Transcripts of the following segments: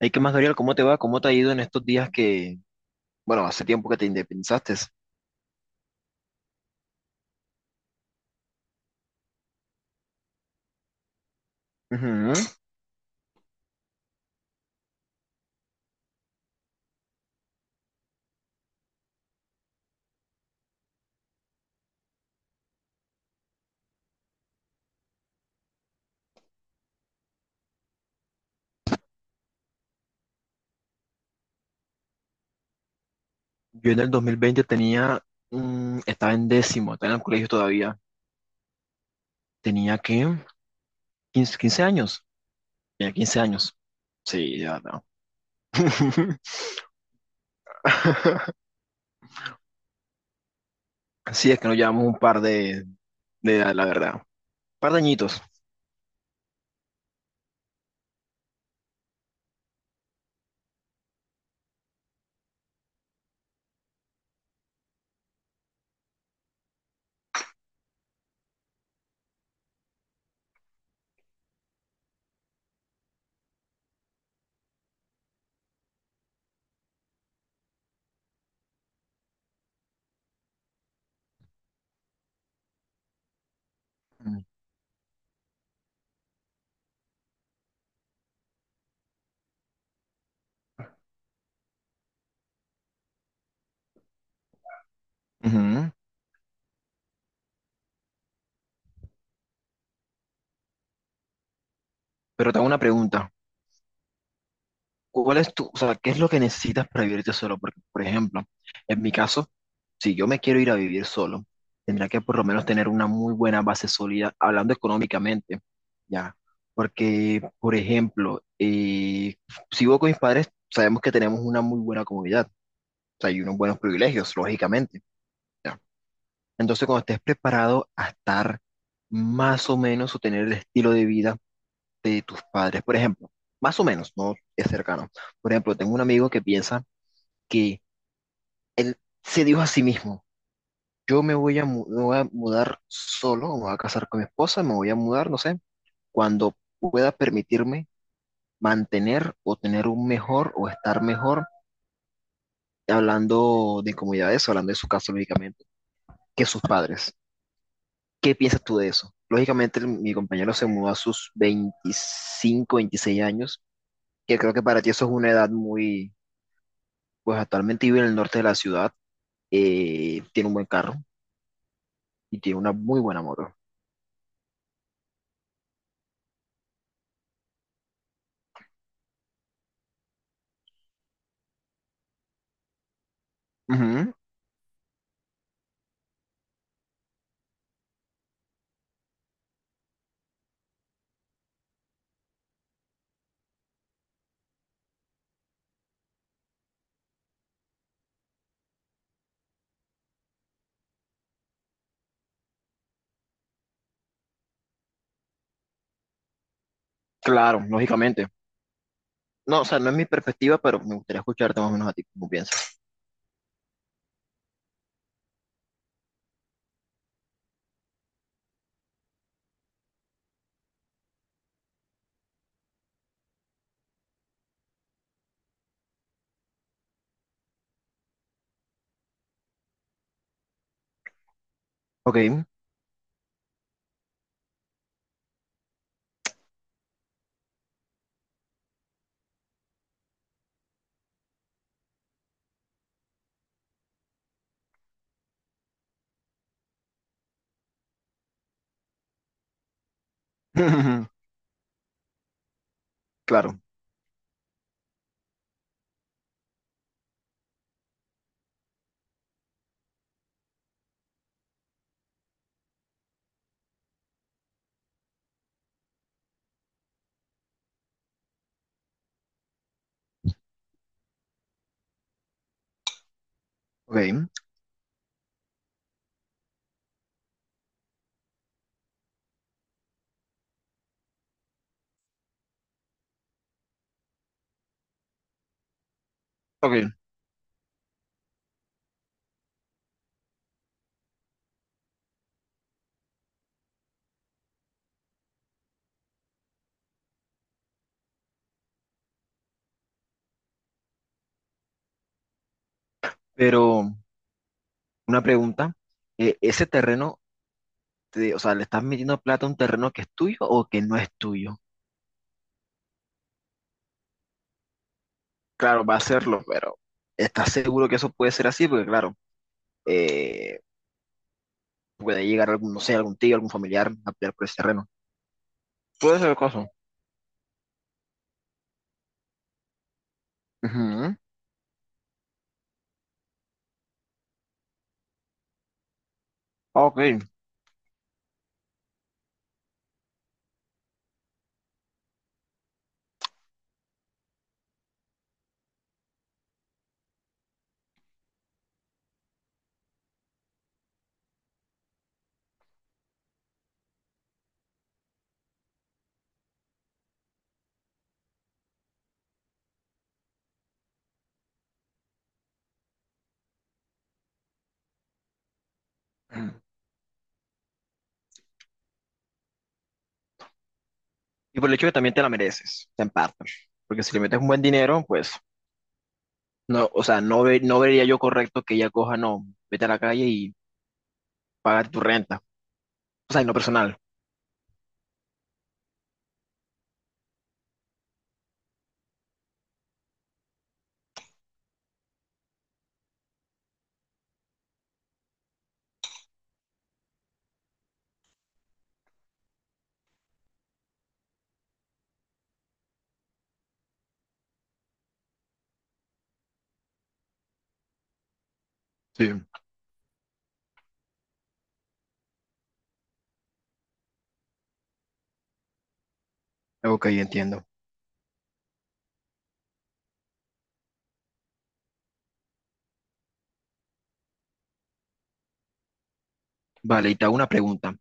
Hey, ¿qué más, Gabriel? ¿Cómo te va? ¿Cómo te ha ido en estos días que, bueno, hace tiempo que te independizaste? Ujú. Yo en el 2020 tenía, estaba en décimo, estaba en el colegio todavía. Tenía que 15 15 años. Tenía 15 años. Sí, ya no. Sí, es que nos llevamos un par de edad, la verdad. Un par de añitos. Mm. Ujú. Pero tengo una pregunta. ¿Cuál es tu, o sea, qué es lo que necesitas para vivirte solo? Porque, por ejemplo, en mi caso, si yo me quiero ir a vivir solo, tendría que por lo menos tener una muy buena base sólida, hablando económicamente, ¿ya? Porque, por ejemplo, si vivo con mis padres, sabemos que tenemos una muy buena comunidad, o sea, y unos buenos privilegios, lógicamente, ¿ya? Entonces, cuando estés preparado a estar más o menos o tener el estilo de vida de tus padres, por ejemplo, más o menos, no es cercano. Por ejemplo, tengo un amigo que piensa que él se dijo a sí mismo. Yo me voy a, me voy a mudar solo, me voy a casar con mi esposa, me voy a mudar, no sé, cuando pueda permitirme mantener o tener un mejor o estar mejor, hablando de comodidades, hablando de su caso, lógicamente, que sus padres. ¿Qué piensas tú de eso? Lógicamente, mi compañero se mudó a sus 25, 26 años, que creo que para ti eso es una edad muy, pues actualmente vive en el norte de la ciudad, tiene un buen carro y tiene una muy buena moto. Ujú. Claro, lógicamente. No, o sea, no es mi perspectiva, pero me gustaría escucharte más o menos a ti, cómo piensas. Ok, claro, ok, ok. Pero una pregunta, ¿ese terreno, o sea, le estás metiendo plata a un terreno que es tuyo o que no es tuyo? Claro, va a serlo, pero ¿estás seguro que eso puede ser así? Porque claro, eh, puede llegar algún, no sé, algún tío, algún familiar a pelear por ese terreno. Puede ser el caso. Ujú. Ok. Y por el hecho que también te la mereces, en parte. Porque si le metes un buen dinero, pues... No, o sea, no, no vería yo correcto que ella coja, no, vete a la calle y paga tu renta. O sea, en lo personal. Sí. Ok, entiendo. Vale, y te hago una pregunta.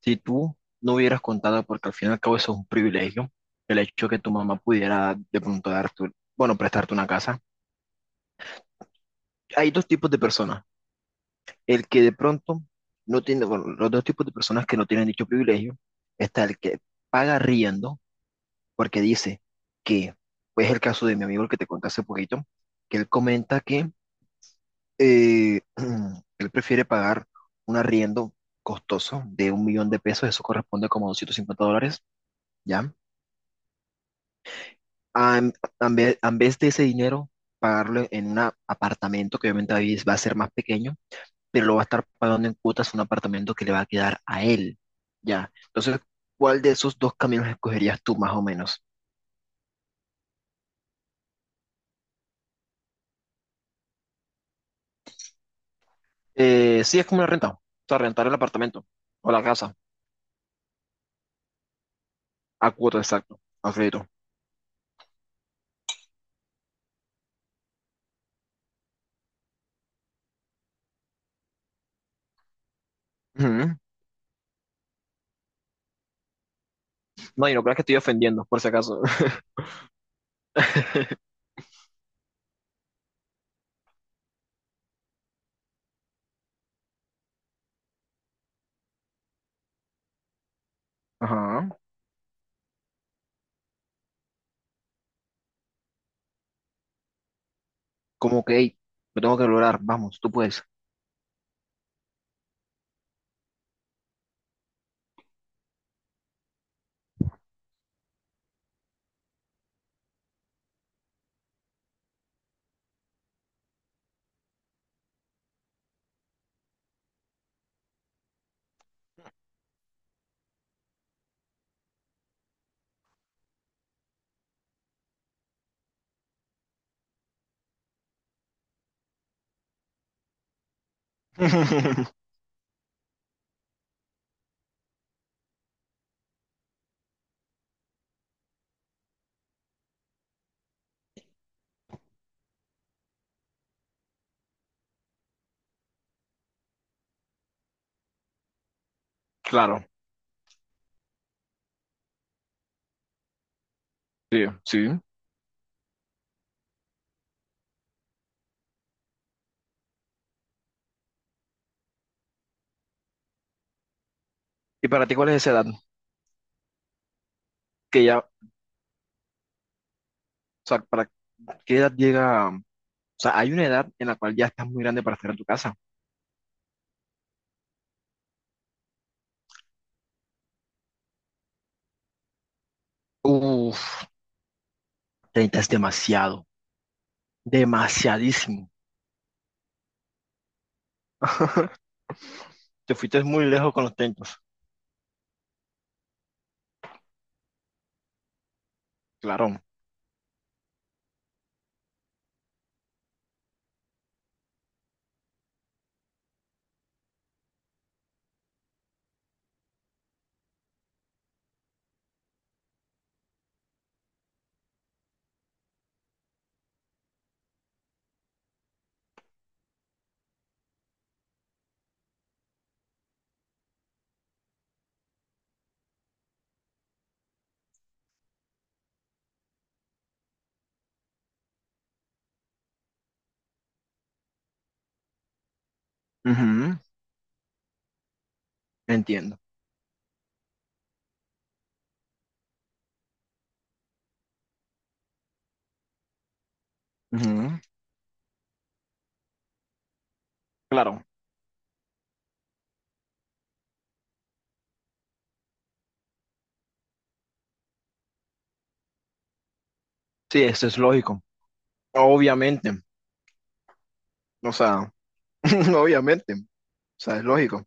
Si tú no hubieras contado, porque al fin y al cabo eso es un privilegio, el hecho que tu mamá pudiera de pronto darte, bueno, prestarte una casa. Hay dos tipos de personas. El que de pronto no tiene, bueno, los dos tipos de personas que no tienen dicho privilegio, está el que paga riendo porque dice que, pues el caso de mi amigo el que te conté hace poquito, que él comenta que eh, él prefiere pagar un arriendo costoso de 1 millón de pesos, eso corresponde como 250 dólares, ¿ya? A, en a en vez de ese dinero, pagarlo en un apartamento que obviamente va a ser más pequeño, pero lo va a estar pagando en cuotas un apartamento que le va a quedar a él, ¿ya? Entonces, ¿cuál de esos dos caminos escogerías tú más o menos? Sí, es como una renta. O sea, rentar el apartamento o la casa a cuota, exacto, a crédito. Ujú. No, y no creas que estoy ofendiendo, por si acaso. Ajá. Como que, hey, lo tengo que lograr. Vamos, tú puedes. Claro, sí, sí. ¿Y para ti cuál es esa edad? Que ya, o sea, ¿para qué edad llega? O sea, hay una edad en la cual ya estás muy grande para estar en tu casa. Uf. Treinta es demasiado, demasiadísimo. Te fuiste muy lejos con los 30. Claro. Ujú. Entiendo. Ujú. Claro, sí, eso es lógico. Obviamente, o sea, obviamente, o sea, es lógico.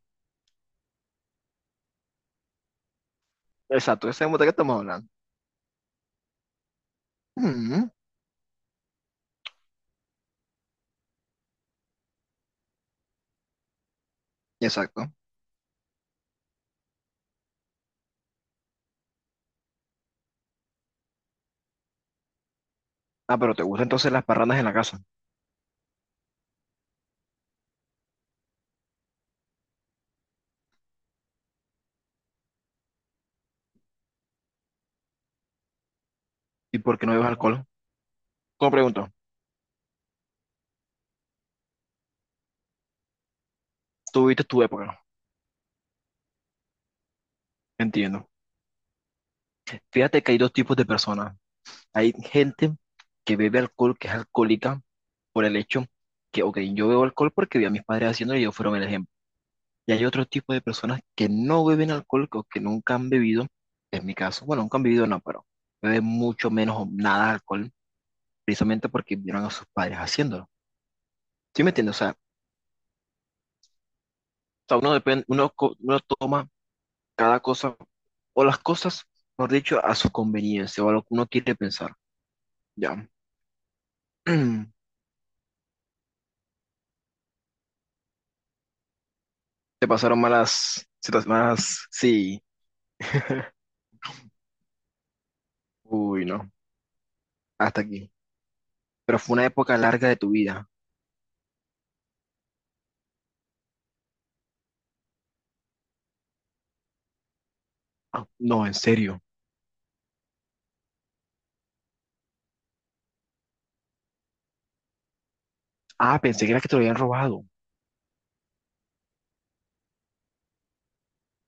Exacto, ya sabemos de qué estamos hablando. Mm, exacto. Ah, pero te gustan entonces las parrandas en la casa. ¿Y por qué no bebes alcohol? Como pregunto, tú viste tu época. Entiendo. Fíjate que hay dos tipos de personas. Hay gente que bebe alcohol, que es alcohólica, por el hecho que, ok, yo bebo alcohol porque vi a mis padres haciéndolo y ellos fueron el ejemplo. Y hay otro tipo de personas que no beben alcohol o que nunca han bebido, en mi caso, bueno, nunca han bebido, no, pero beben mucho menos o nada de alcohol, precisamente porque vieron a sus padres haciéndolo. ¿Sí me entiendes? O sea, uno depende, uno, uno toma cada cosa, o las cosas, por dicho, a su conveniencia, o a lo que uno quiere pensar. Ya. Te pasaron malas situaciones, malas, sí. Uy, no, hasta aquí. Pero fue una época larga de tu vida. Ah, no, en serio. Ah, pensé que era que te lo habían robado.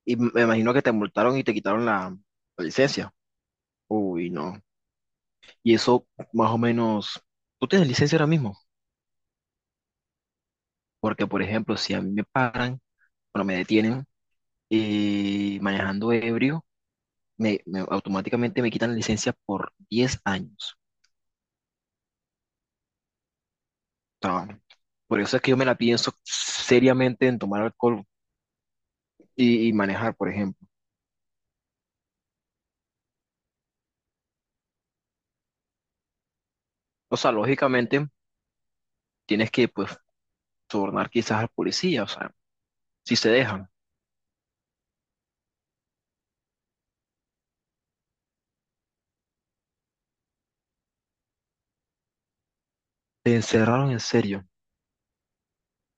Y me imagino que te multaron y te quitaron la licencia. Uy, no. Y eso más o menos, ¿tú tienes licencia ahora mismo? Porque, por ejemplo, si a mí me paran, bueno, me detienen y manejando ebrio, automáticamente me quitan la licencia por 10 años. O sea, por eso es que yo me la pienso seriamente en tomar alcohol y manejar, por ejemplo. O sea, lógicamente tienes que, pues, sobornar quizás al policía, o sea, si se dejan. Te encerraron en serio,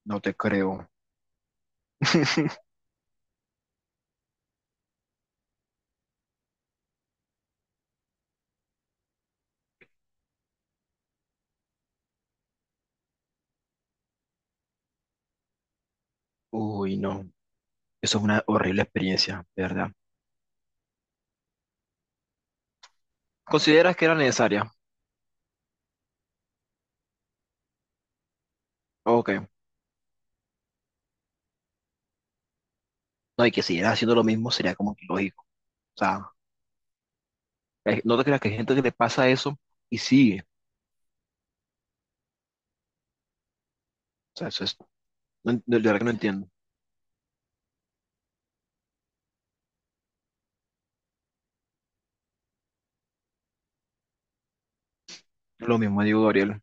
no te creo. Uy, no. Eso es una horrible experiencia, de verdad. ¿Consideras que era necesaria? Ok. No, y que siguieras haciendo lo mismo sería como que lógico. O sea, no te creas que hay gente que le pasa eso y sigue. O sea, eso es. No, de verdad que no entiendo. Lo mismo digo, Gabriel.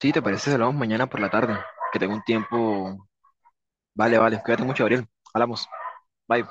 Sí, ¿te parece si hablamos mañana por la tarde? Que tengo un tiempo. Vale, vale. Cuídate mucho, Gabriel. Hablamos. Bye.